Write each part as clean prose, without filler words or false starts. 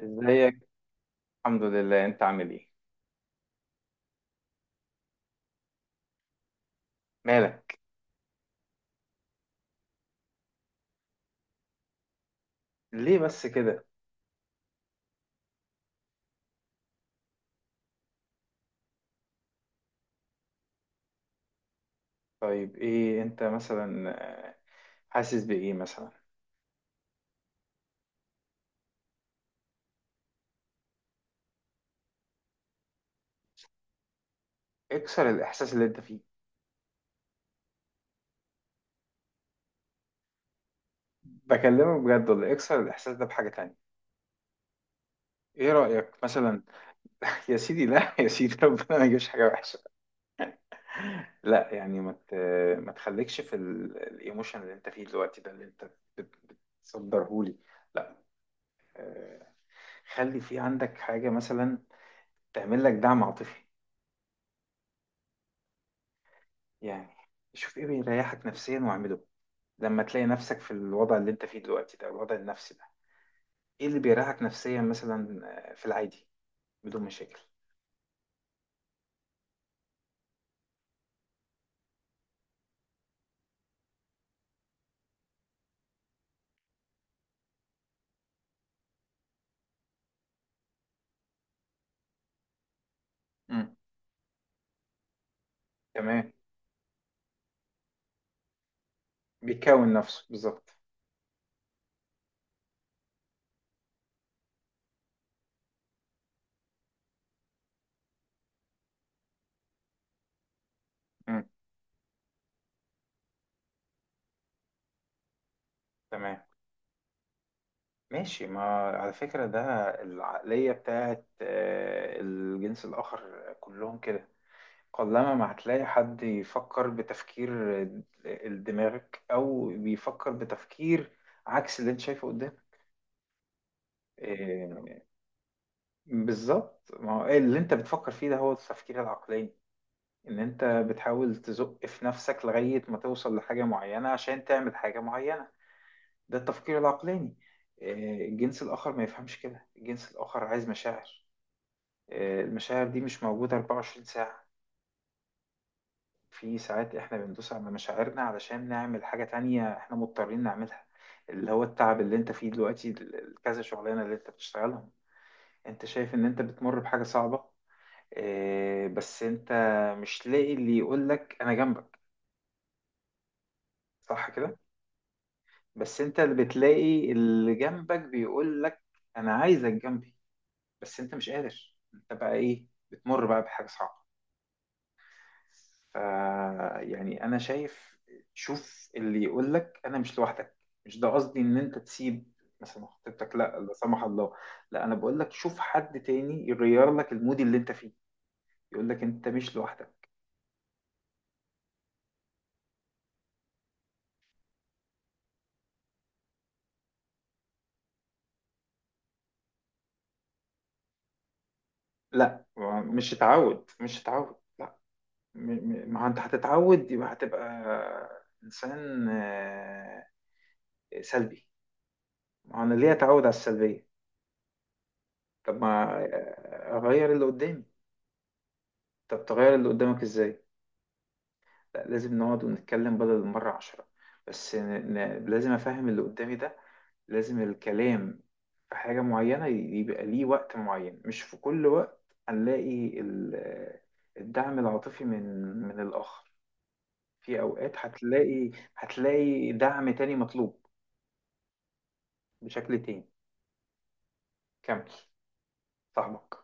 ازيك؟ الحمد لله، انت عامل ايه؟ مالك؟ ليه بس كده؟ طيب، ايه انت مثلا، آه، حاسس بايه مثلا؟ اكسر الاحساس اللي انت فيه. بكلمك بجد ولا اكسر الاحساس ده بحاجة تانية؟ ايه رأيك مثلا؟ يا سيدي، لا يا سيدي، ربنا ما يجيبش حاجة وحشة. لا يعني، ما تخليكش في الايموشن اللي انت فيه دلوقتي ده اللي انت بت- بتصدرهولي. لا، آه، خلي في عندك حاجة مثلا تعمل لك دعم عاطفي. يعني، شوف ايه بيريحك نفسيا واعمله. لما تلاقي نفسك في الوضع اللي انت فيه دلوقتي ده، الوضع النفسي ده، ايه اللي بيريحك نفسيا مثلا؟ في العادي، بدون مشاكل. مم. تمام. بيكون نفسه بالظبط. مم. تمام. ماشي. ما على فكرة ده، العقلية بتاعت الجنس الآخر كلهم كده. قلما ما هتلاقي حد يفكر بتفكير دماغك، أو بيفكر بتفكير عكس اللي أنت شايفه قدامك. بالظبط، ما هو اللي انت بتفكر فيه ده هو التفكير العقلاني، ان انت بتحاول تزق في نفسك لغاية ما توصل لحاجة معينة عشان تعمل حاجة معينة. ده التفكير العقلاني. الجنس الآخر ما يفهمش كده، الجنس الآخر عايز مشاعر. المشاعر دي مش موجودة 24 ساعة. في ساعات احنا بندوس على مشاعرنا علشان نعمل حاجة تانية احنا مضطرين نعملها، اللي هو التعب اللي انت فيه دلوقتي، كذا شغلانة اللي انت بتشتغلهم. انت شايف ان انت بتمر بحاجة صعبة، بس انت مش لاقي اللي يقولك انا جنبك. صح كده؟ بس انت اللي بتلاقي اللي جنبك بيقولك انا عايزك جنبي، بس انت مش قادر، انت بقى ايه بتمر بقى بحاجة صعبة. ف يعني انا شايف، شوف اللي يقولك انا مش لوحدك. مش ده قصدي ان انت تسيب مثلا خطيبتك، لا لا سمح الله. لا، انا بقولك شوف حد تاني يغير لك المود اللي انت فيه، يقولك انت مش لوحدك. لا، مش هتعود مش هتعود. ما هو انت هتتعود يبقى هتبقى انسان سلبي. ما هو انا ليه اتعود على السلبيه؟ طب ما اغير اللي قدامي. طب تغير اللي قدامك ازاي؟ لا، لازم نقعد ونتكلم بدل المره 10. بس لازم افهم اللي قدامي ده، لازم الكلام في حاجه معينه يبقى ليه وقت معين، مش في كل وقت. هنلاقي الدعم العاطفي من الاخر. في اوقات هتلاقي، دعم تاني مطلوب بشكل تاني. كمل صاحبك.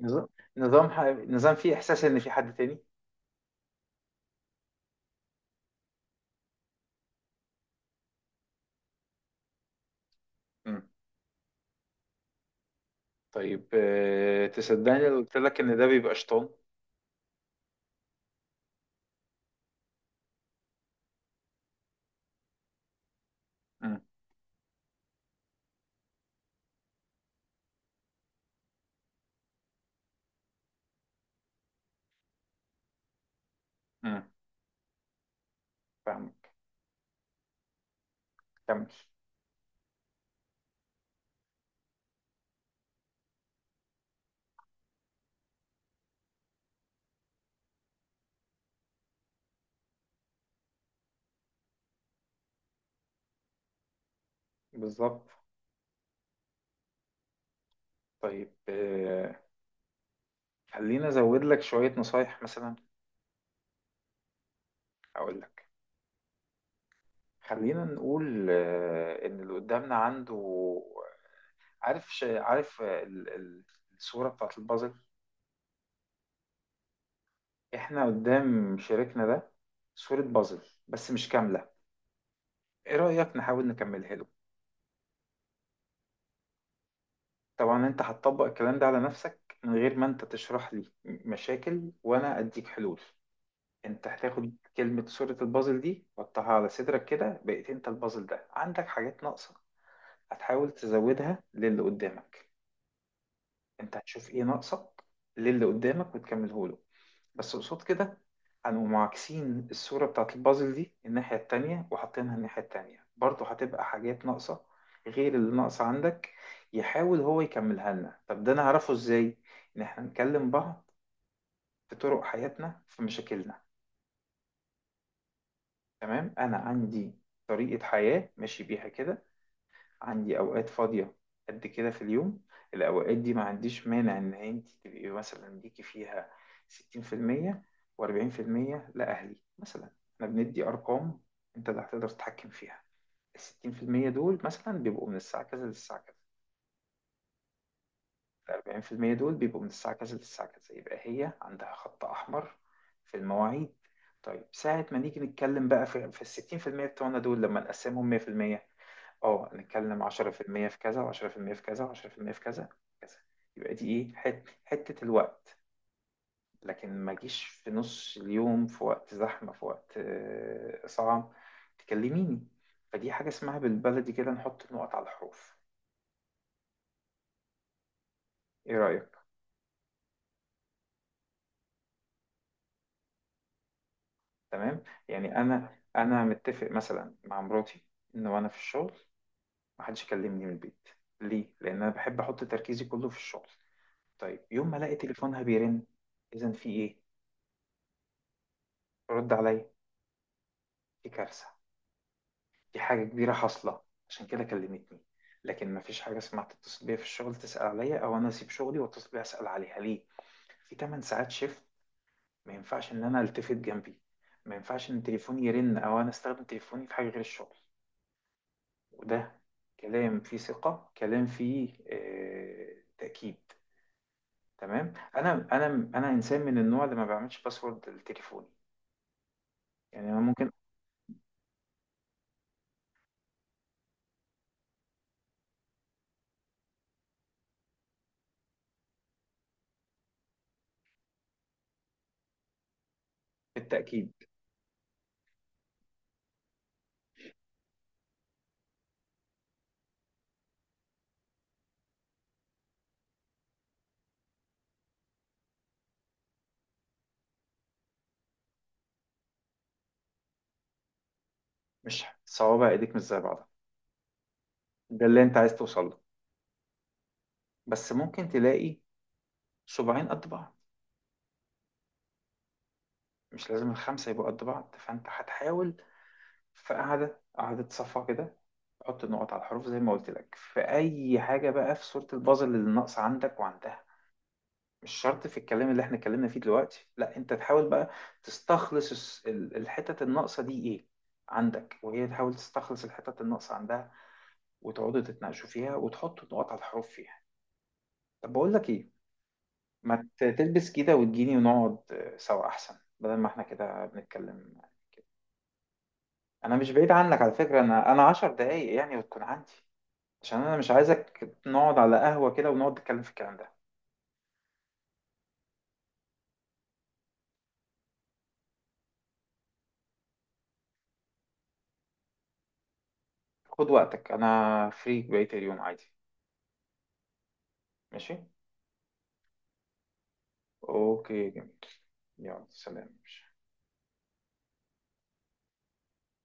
نظام، نظام ح... نظام فيه إحساس إن في حد تاني. مم. طيب، تصدقني لو قلت لك إن ده بيبقى شيطان. مم. مم. فاهمك، كمل. بالظبط. طيب، خلينا أزود لك شوية نصايح مثلا، أقول لك. خلينا نقول إن اللي قدامنا عنده، عارف الصورة بتاعت البازل. إحنا قدام شريكنا ده صورة بازل، بس مش كاملة. إيه رأيك نحاول نكملها له؟ طبعا انت هتطبق الكلام ده على نفسك، من غير ما انت تشرح لي مشاكل وانا اديك حلول. انت هتاخد كلمة صورة البازل دي وتحطها على صدرك كده، بقيت انت البازل ده عندك حاجات ناقصة، هتحاول تزودها للي قدامك. انت هتشوف ايه ناقصك للي قدامك وتكمله له. بس قصاد كده، هنقوم معاكسين الصورة بتاعت البازل دي الناحية التانية، وحاطينها الناحية التانية برضه، هتبقى حاجات ناقصة غير اللي ناقصة عندك، يحاول هو يكملها لنا. طب ده نعرفه ازاي؟ ان احنا نكلم بعض في طرق حياتنا، في مشاكلنا. تمام. انا عندي طريقة حياة ماشي بيها كده، عندي أوقات فاضية قد كده في اليوم. الأوقات دي ما عنديش مانع إن أنت تبقي مثلا ليكي فيها 60%، و40% لأهلي مثلا، إحنا بندي أرقام. أنت اللي هتقدر تتحكم فيها. الـ60% دول مثلا بيبقوا من الساعة كذا للساعة كذا، الـ40% دول بيبقوا من الساعة كذا للساعة كذا، يبقى هي عندها خط أحمر في المواعيد. طيب، ساعة ما نيجي نتكلم بقى في الـ60% بتوعنا دول، لما نقسمهم 100%، اه نتكلم 10% في المية في كذا، و10% في كذا، و10% في كذا كذا، يبقى دي ايه، حتة الوقت. لكن ما جيش في نص اليوم، في وقت زحمة، في وقت صعب تكلميني. فدي حاجة اسمها بالبلدي كده نحط النقط على الحروف. ايه رأيك؟ تمام. يعني انا متفق مثلا مع مراتي ان وانا في الشغل محدش يكلمني من البيت. ليه؟ لان انا بحب احط تركيزي كله في الشغل. طيب، يوم ما الاقي تليفونها بيرن، اذا في ايه؟ رد عليا، في كارثة، في حاجة كبيرة حاصلة، عشان كده كلمتني. لكن مفيش حاجة اسمها تتصل بيا في الشغل تسأل عليا أو أنا أسيب شغلي وأتصل بيا أسأل عليها ليه؟ في 8 ساعات شيفت، ما ينفعش إن أنا ألتفت جنبي، ما ينفعش إن تليفوني يرن أو أنا أستخدم تليفوني في حاجة غير الشغل. وده كلام فيه ثقة، كلام فيه تأكيد. تمام. أنا إنسان من النوع اللي ما بعملش باسورد لتليفوني، يعني أنا ممكن. بالتأكيد. مش صوابع إيديك مش زي بعضها. ده اللي أنت عايز توصل له، بس ممكن تلاقي صباعين قد بعض، مش لازم الخمسة يبقوا قد بعض، فأنت هتحاول في قعدة قعدة صفا كده حط النقط على الحروف زي ما قلت لك في أي حاجة بقى في صورة البازل اللي ناقصة عندك وعندها. مش شرط في الكلام اللي احنا اتكلمنا فيه دلوقتي، لا انت تحاول بقى تستخلص الحتت الناقصة دي ايه عندك، وهي تحاول تستخلص الحتت الناقصة عندها، وتقعدوا تتناقشوا فيها وتحطوا النقط على الحروف فيها. طب بقول لك ايه، ما تلبس كده وتجيني ونقعد سوا احسن بدل ما احنا كده بنتكلم. انا مش بعيد عنك على فكره، انا 10 دقايق يعني وتكون عندي. عشان انا مش عايزك نقعد على قهوه كده ونقعد نتكلم في الكلام ده. خد وقتك، انا فري بقيه اليوم عادي. ماشي. اوكي جميل، يلا سلام.